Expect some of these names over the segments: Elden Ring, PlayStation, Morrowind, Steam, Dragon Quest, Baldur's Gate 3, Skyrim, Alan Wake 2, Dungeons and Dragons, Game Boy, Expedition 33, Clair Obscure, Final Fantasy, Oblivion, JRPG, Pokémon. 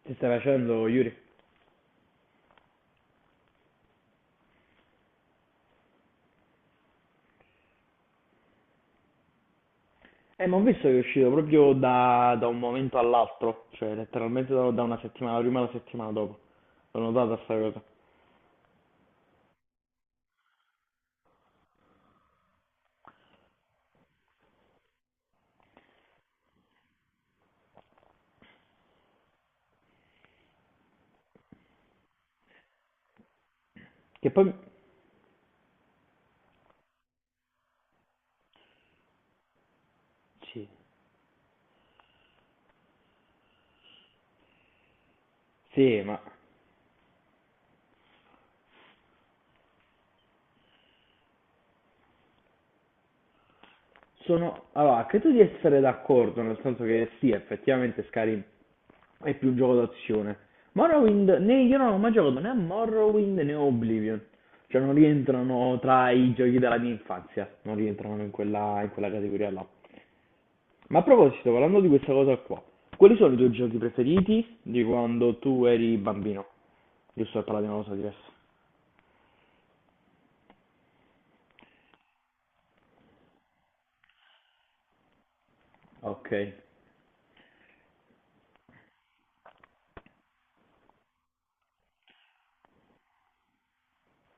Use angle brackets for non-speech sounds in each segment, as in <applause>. Che stai facendo, Yuri? Ma ho visto che è uscito proprio da un momento all'altro, cioè letteralmente da una settimana prima alla settimana dopo. L'ho notata sta cosa. Che poi. Sì. Sì, Allora, credo di essere d'accordo, nel senso che sì, effettivamente Skyrim è più un gioco d'azione. Morrowind, né, io non ho mai giocato né a Morrowind né a Oblivion. Cioè non rientrano tra i giochi della mia infanzia, non rientrano in quella categoria là. Ma a proposito, parlando di questa cosa qua, quali sono i tuoi giochi preferiti di quando tu eri bambino? Giusto per parlare di una cosa diversa. Ok,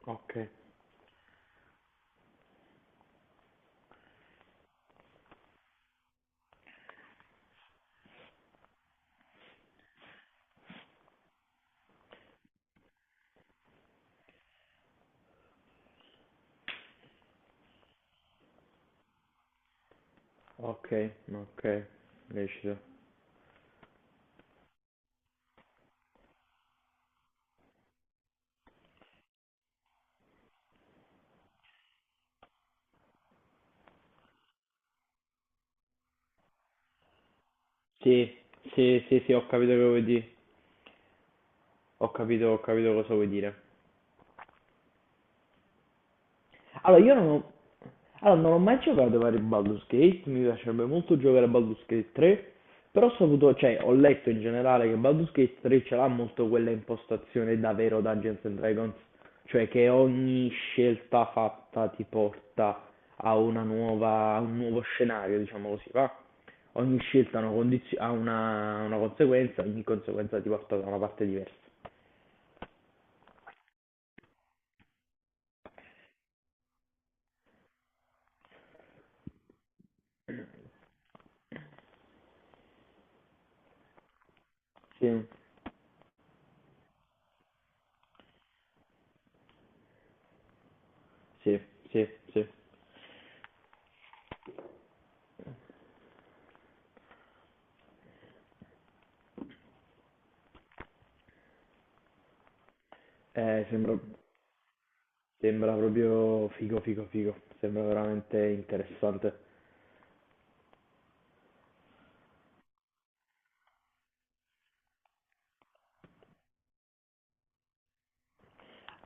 ok, ok, ok, riuscito. Sì, sì, sì, sì, ho capito che vuoi dire. Ho capito cosa vuoi dire. Allora, io non ho, Allora, non ho mai giocato ai vari Baldur's Gate, mi piacerebbe molto giocare a Baldur's Gate 3, però ho saputo, cioè, ho letto in generale che Baldur's Gate 3 ce l'ha molto quella impostazione davvero Dungeons and Dragons, cioè che ogni scelta fatta ti porta a una nuova, a un nuovo scenario, diciamo così, va? Ogni scelta ha una conseguenza, ogni conseguenza ti porta da una parte diversa. Sì, sì, sì, sì. Eh, sembra Sembra proprio figo, figo, figo. Sembra veramente interessante.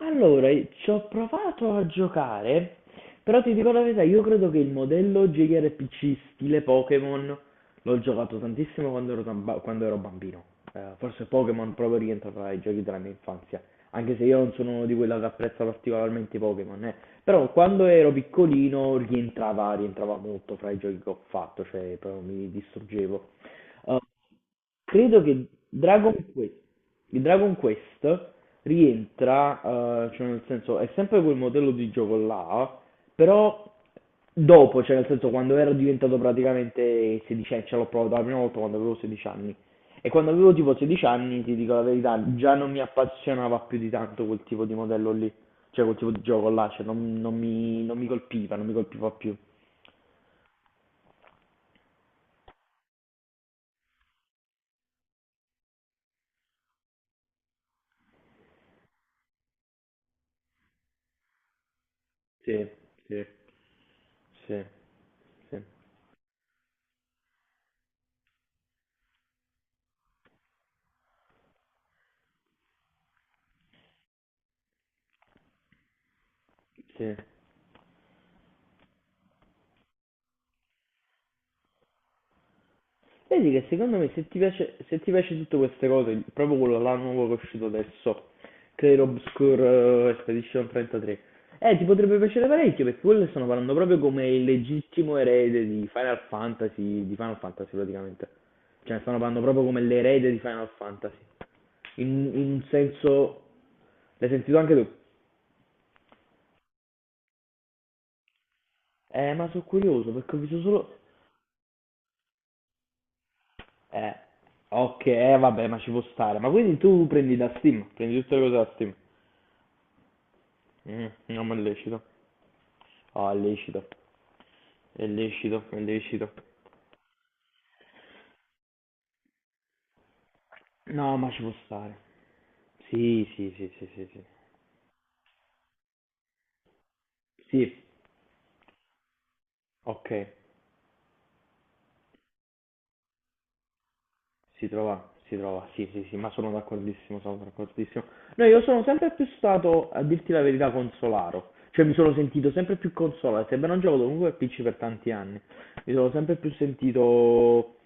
Allora, ci ho provato a giocare, però ti dico la verità, io credo che il modello JRPG stile Pokémon l'ho giocato tantissimo quando ero bambino. Forse Pokémon proprio rientra tra i giochi della mia infanzia, anche se io non sono uno di quelli che apprezza particolarmente i Pokémon, eh. Però quando ero piccolino rientrava molto fra i giochi che ho fatto, cioè proprio mi distruggevo. Eh, Credo che Dragon Quest, il Dragon Quest rientra, cioè nel senso è sempre quel modello di gioco là, però dopo, cioè nel senso quando ero diventato praticamente 16 anni, ce l'ho provato la prima volta quando avevo 16 anni. E quando avevo tipo 16 anni, ti dico la verità, già non mi appassionava più di tanto quel tipo di modello lì. Cioè quel tipo di gioco là, cioè, non mi, non mi colpiva, non mi colpiva più. Sì, sì, sì, sì, sì. Vedi che secondo me se ti piace tutte queste cose, proprio quello là nuovo che è uscito adesso, Clair Obscure, Expedition 33, ti potrebbe piacere parecchio perché quello stanno parlando proprio come il legittimo erede di Final Fantasy praticamente. Cioè stanno parlando proprio come l'erede di Final Fantasy. In, in un senso. L'hai sentito anche tu? Ma sono curioso perché ho visto solo. Eh, ok, vabbè, ma ci può stare. Ma quindi tu prendi da Steam, prendi tutte le cose da Steam. Mm, no, ma è lecito. Oh, è lecito, è lecito, è lecito. No, ma ci può stare. Sì, sì, sì, sì, sì, sì. Sì, ok, si trova, sì, sì, sì, ma sono d'accordissimo, sono d'accordissimo. No, io sono sempre più stato, a dirti la verità, consolaro. Cioè, mi sono sentito sempre più consolato, sebbene non gioco comunque al PC per tanti anni. Mi sono sempre più sentito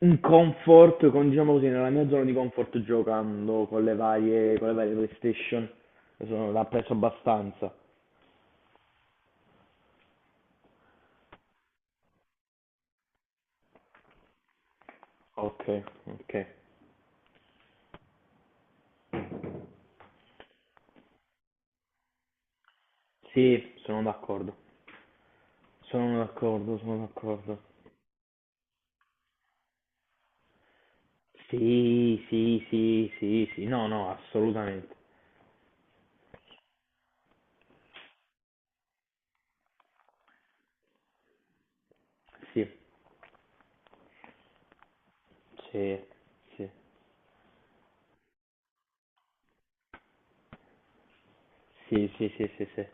un comfort, diciamo così, nella mia zona di comfort giocando con le varie PlayStation, sono, l'ha preso abbastanza. Ok, ok. Sì, sono d'accordo. Sono d'accordo, sono d'accordo. Sì, sì, sì, sì, sì, no, no, assolutamente. Sì, sì, sì, sì, sì, sì, sì, sì,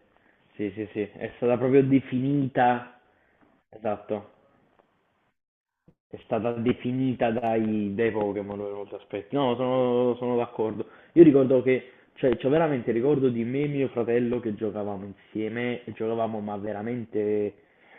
sì, sì, sì. È stata proprio definita, Esatto, è stata definita dai Pokémon per molti aspetti. No, sono d'accordo. Io ricordo che cioè, c'ho veramente il ricordo di me e mio fratello che giocavamo insieme, e giocavamo ma veramente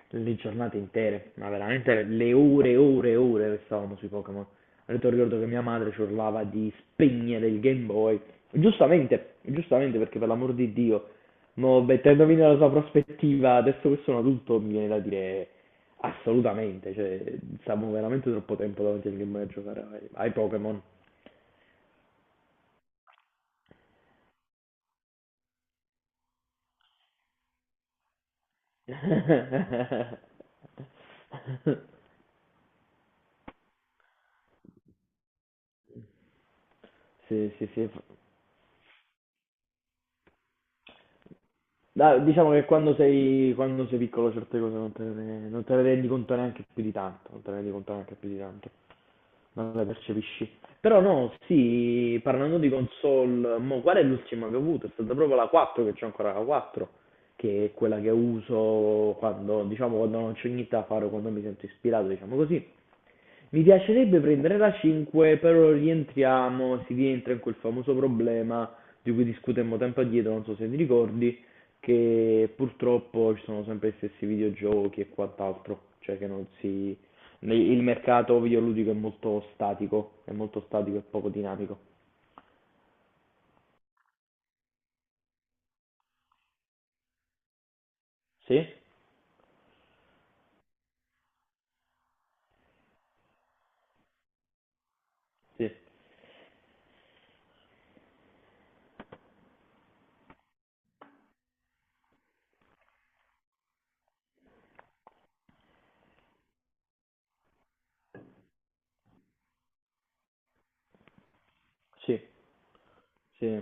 le giornate intere, ma veramente le ore e ore e ore restavamo sui Pokémon. Addirittura ricordo che mia madre ci urlava di spegnere il Game Boy. Giustamente, giustamente perché per l'amor di Dio, mo mettendomi nella sua prospettiva, adesso che sono adulto mi viene da dire assolutamente, cioè, stiamo veramente troppo tempo davanti al Game Boy a giocare ai Pokémon. <laughs> Sì, sì, sì. Dai, diciamo che quando sei piccolo certe cose non te ne rendi conto neanche più di tanto, non te ne rendi conto neanche più di tanto, non le percepisci. Però no, sì, parlando di console, mo, qual è l'ultima che ho avuto? È stata proprio la 4, che c'ho ancora la 4, che è quella che uso quando, diciamo, quando non c'ho niente da fare o quando mi sento ispirato, diciamo così. Mi piacerebbe prendere la 5, però rientriamo, si rientra in quel famoso problema di cui discutemmo tempo addietro, non so se ti ricordi, che purtroppo ci sono sempre gli stessi videogiochi e quant'altro, cioè che non si. Il mercato videoludico è molto statico e poco dinamico. Sì? Sì, sì, sì,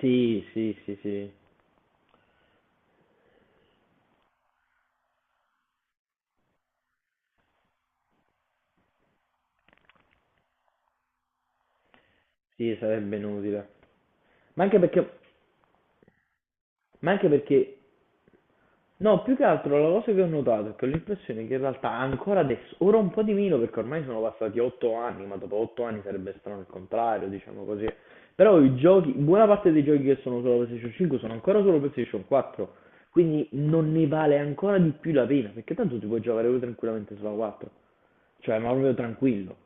sì, sì, sì, sì, sì, sarebbe inutile. Ma anche perché, ma anche perché No, più che altro la cosa che ho notato è che ho l'impressione che in realtà ancora adesso, ora un po' di meno perché ormai sono passati 8 anni, ma dopo 8 anni sarebbe strano il contrario, diciamo così. Però i giochi, buona parte dei giochi che sono solo PlayStation 5 sono ancora solo PlayStation 4, quindi non ne vale ancora di più la pena, perché tanto ti puoi giocare pure tranquillamente sulla 4, cioè ma proprio tranquillo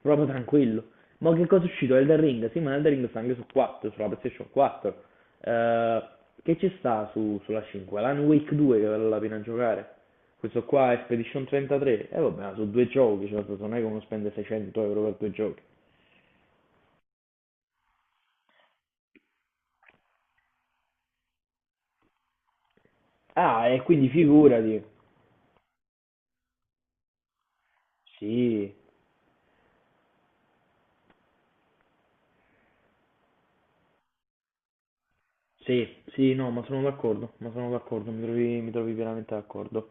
proprio tranquillo. Ma che cosa è uscito? Elden Ring? Sì, ma Elden Ring sta anche su 4, sulla PlayStation 4. Eh, che ci sta sulla 5? L'Han Wake 2 che vale la pena giocare. Questo qua è Expedition 33. E vabbè, ma sono due giochi, cioè, non è che uno spende 600 euro per due giochi. Ah, e quindi figurati. Sì, sì, sì, no, ma sono d'accordo, mi trovi veramente d'accordo.